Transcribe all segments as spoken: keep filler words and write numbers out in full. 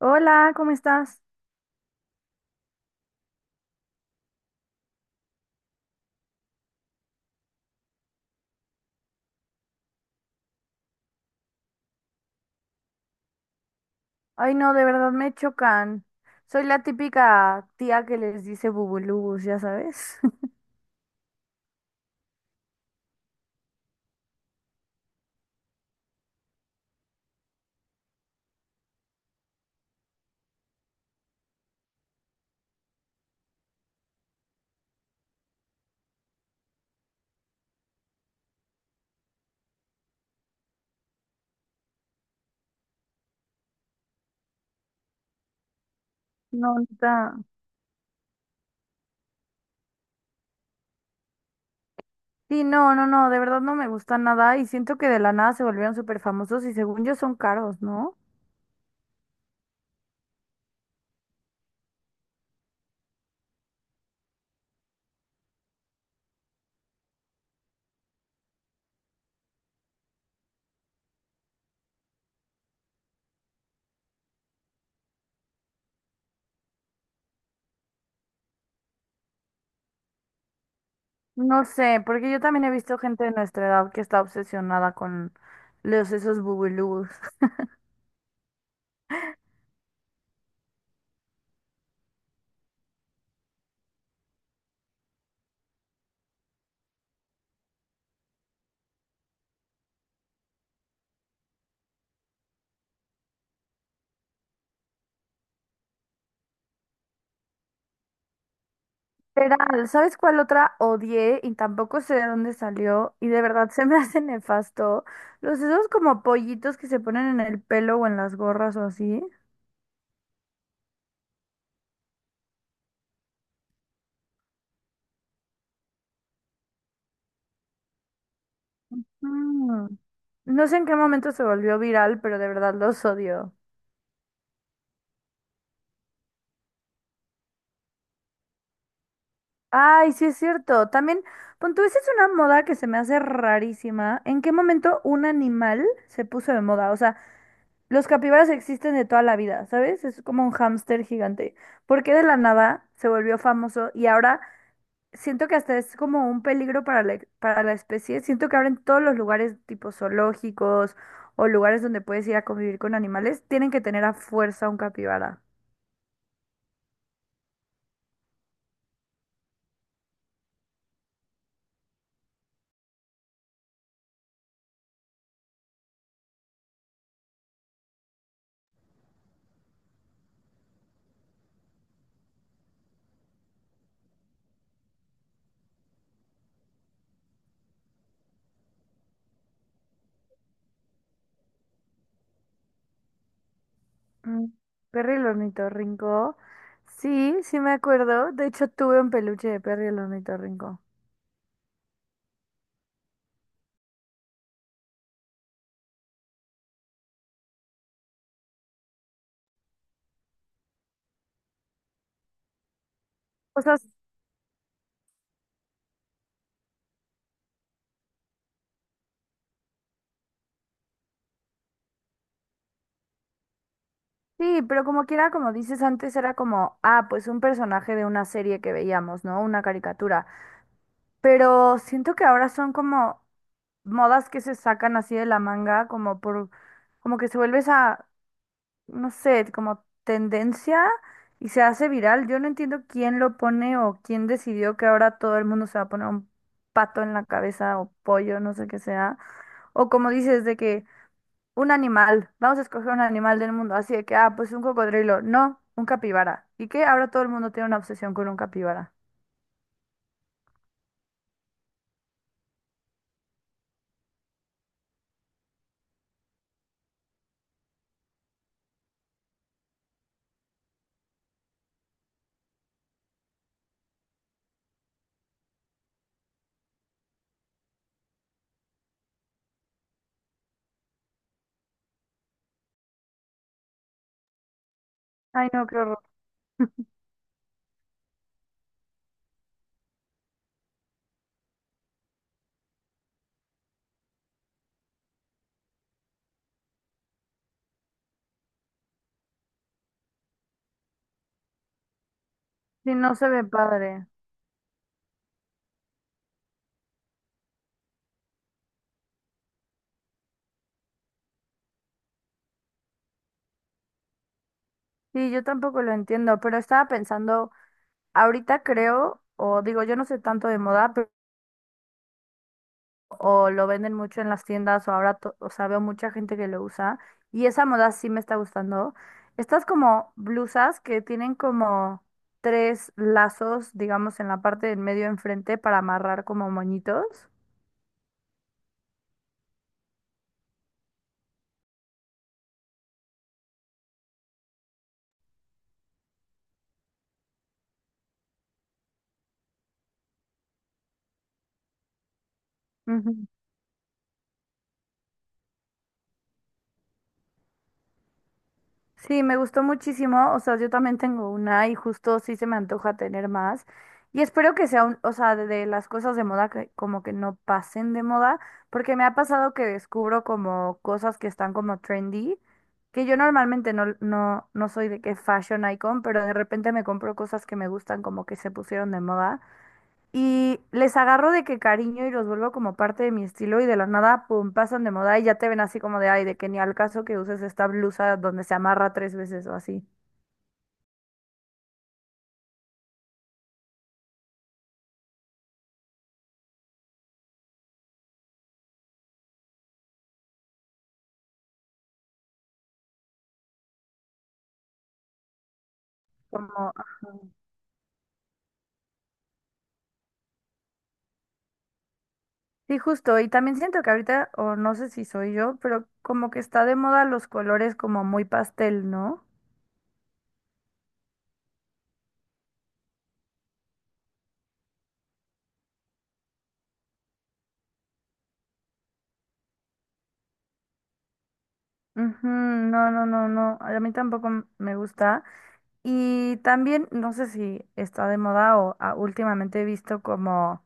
Hola, ¿cómo estás? Ay, no, de verdad me chocan. Soy la típica tía que les dice bubulubus, ya sabes. No, neta. Sí, no, no, no, de verdad no me gusta nada y siento que de la nada se volvieron súper famosos y según yo son caros, ¿no? No sé, porque yo también he visto gente de nuestra edad que está obsesionada con los esos bubulubus. Literal, ¿sabes cuál otra odié y tampoco sé de dónde salió? Y de verdad se me hace nefasto. Los esos como pollitos que se ponen en el pelo o en las gorras o así. Mm. No sé en qué momento se volvió viral, pero de verdad los odio. Ay, sí es cierto. También, pon tú, esa es una moda que se me hace rarísima. ¿En qué momento un animal se puso de moda? O sea, los capibaras existen de toda la vida, ¿sabes? Es como un hámster gigante. ¿Por qué de la nada se volvió famoso y ahora? Siento que hasta es como un peligro para la, para la especie. Siento que ahora en todos los lugares tipo zoológicos o lugares donde puedes ir a convivir con animales, tienen que tener a fuerza un capibara. Mm, Perro y el ornitorrinco. Sí, sí me acuerdo. De hecho, tuve un peluche de perro y el ornitorrinco. O sea, sí, pero como quiera, como dices antes, era como, ah, pues un personaje de una serie que veíamos, ¿no? Una caricatura. Pero siento que ahora son como modas que se sacan así de la manga, como por, como que se vuelve esa, no sé, como tendencia y se hace viral. Yo no entiendo quién lo pone o quién decidió que ahora todo el mundo se va a poner un pato en la cabeza o pollo, no sé qué sea. O como dices, de que un animal, vamos a escoger un animal del mundo, así de que, ah, pues un cocodrilo, no, un capibara. ¿Y qué? Ahora todo el mundo tiene una obsesión con un capibara. Ay, no, qué horror. Sí, no se ve padre. Sí, yo tampoco lo entiendo, pero estaba pensando. Ahorita creo, o digo, yo no sé tanto de moda, pero o lo venden mucho en las tiendas, o ahora, to- o sea, veo mucha gente que lo usa, y esa moda sí me está gustando. Estas como blusas que tienen como tres lazos, digamos, en la parte del medio enfrente para amarrar como moñitos. Sí, me gustó muchísimo. O sea, yo también tengo una y justo sí se me antoja tener más. Y espero que sea un, o sea, de de las cosas de moda que como que no pasen de moda, porque me ha pasado que descubro como cosas que están como trendy, que yo normalmente no, no, no soy de que fashion icon, pero de repente me compro cosas que me gustan como que se pusieron de moda. Y les agarro de que cariño y los vuelvo como parte de mi estilo y de la nada, pum, pasan de moda y ya te ven así como de, ay, de que ni al caso que uses esta blusa donde se amarra tres veces o así. Como, ajá. Sí, justo. Y también siento que ahorita, o no sé si soy yo, pero como que está de moda los colores como muy pastel, ¿no? Ujú. No, no, no, no. A mí tampoco m- me gusta. Y también, no sé si está de moda o ah, últimamente he visto como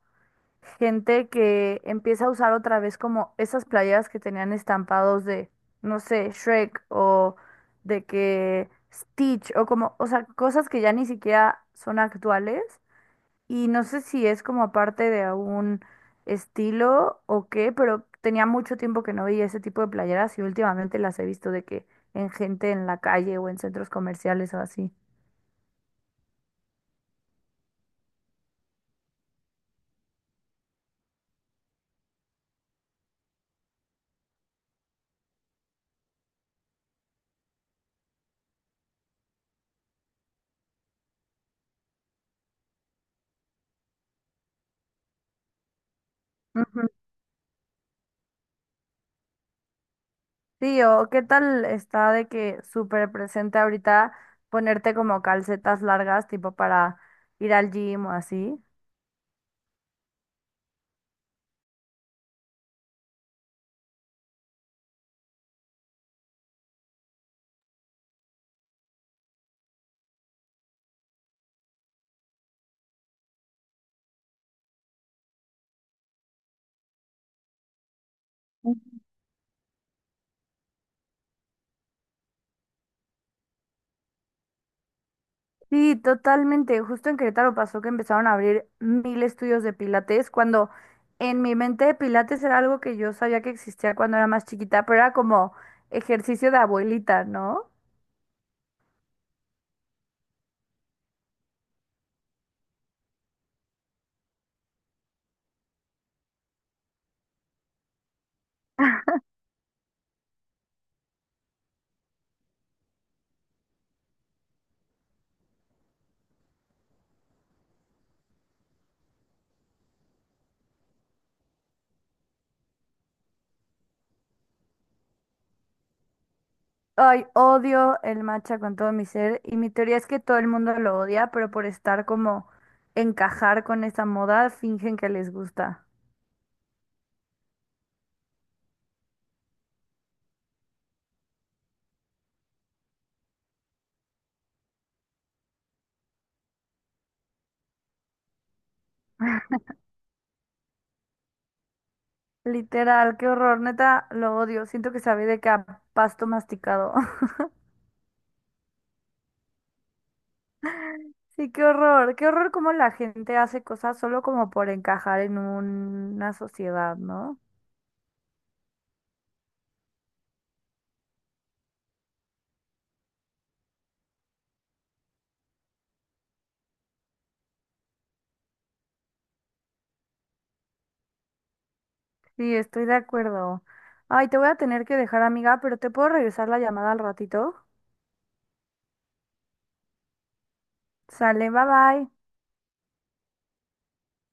gente que empieza a usar otra vez como esas playeras que tenían estampados de, no sé, Shrek o de que Stitch o como, o sea, cosas que ya ni siquiera son actuales y no sé si es como parte de algún estilo o qué, pero tenía mucho tiempo que no veía ese tipo de playeras y últimamente las he visto de que en gente en la calle o en centros comerciales o así. Ujú. Sí, o qué tal está de que súper presente ahorita ponerte como calcetas largas, tipo para ir al gym o así. Sí, totalmente. Justo en Querétaro pasó que empezaron a abrir mil estudios de pilates, cuando en mi mente pilates era algo que yo sabía que existía cuando era más chiquita, pero era como ejercicio de abuelita, ¿no? Ay, odio el matcha con todo mi ser y mi teoría es que todo el mundo lo odia, pero por estar como encajar con esa moda, fingen que les gusta. Literal, qué horror, neta, lo odio. Siento que sabe de que a pasto masticado. Sí, qué horror, qué horror cómo la gente hace cosas solo como por encajar en una sociedad, ¿no? Sí, estoy de acuerdo. Ay, te voy a tener que dejar, amiga, pero te puedo regresar la llamada al ratito. Sale, bye bye.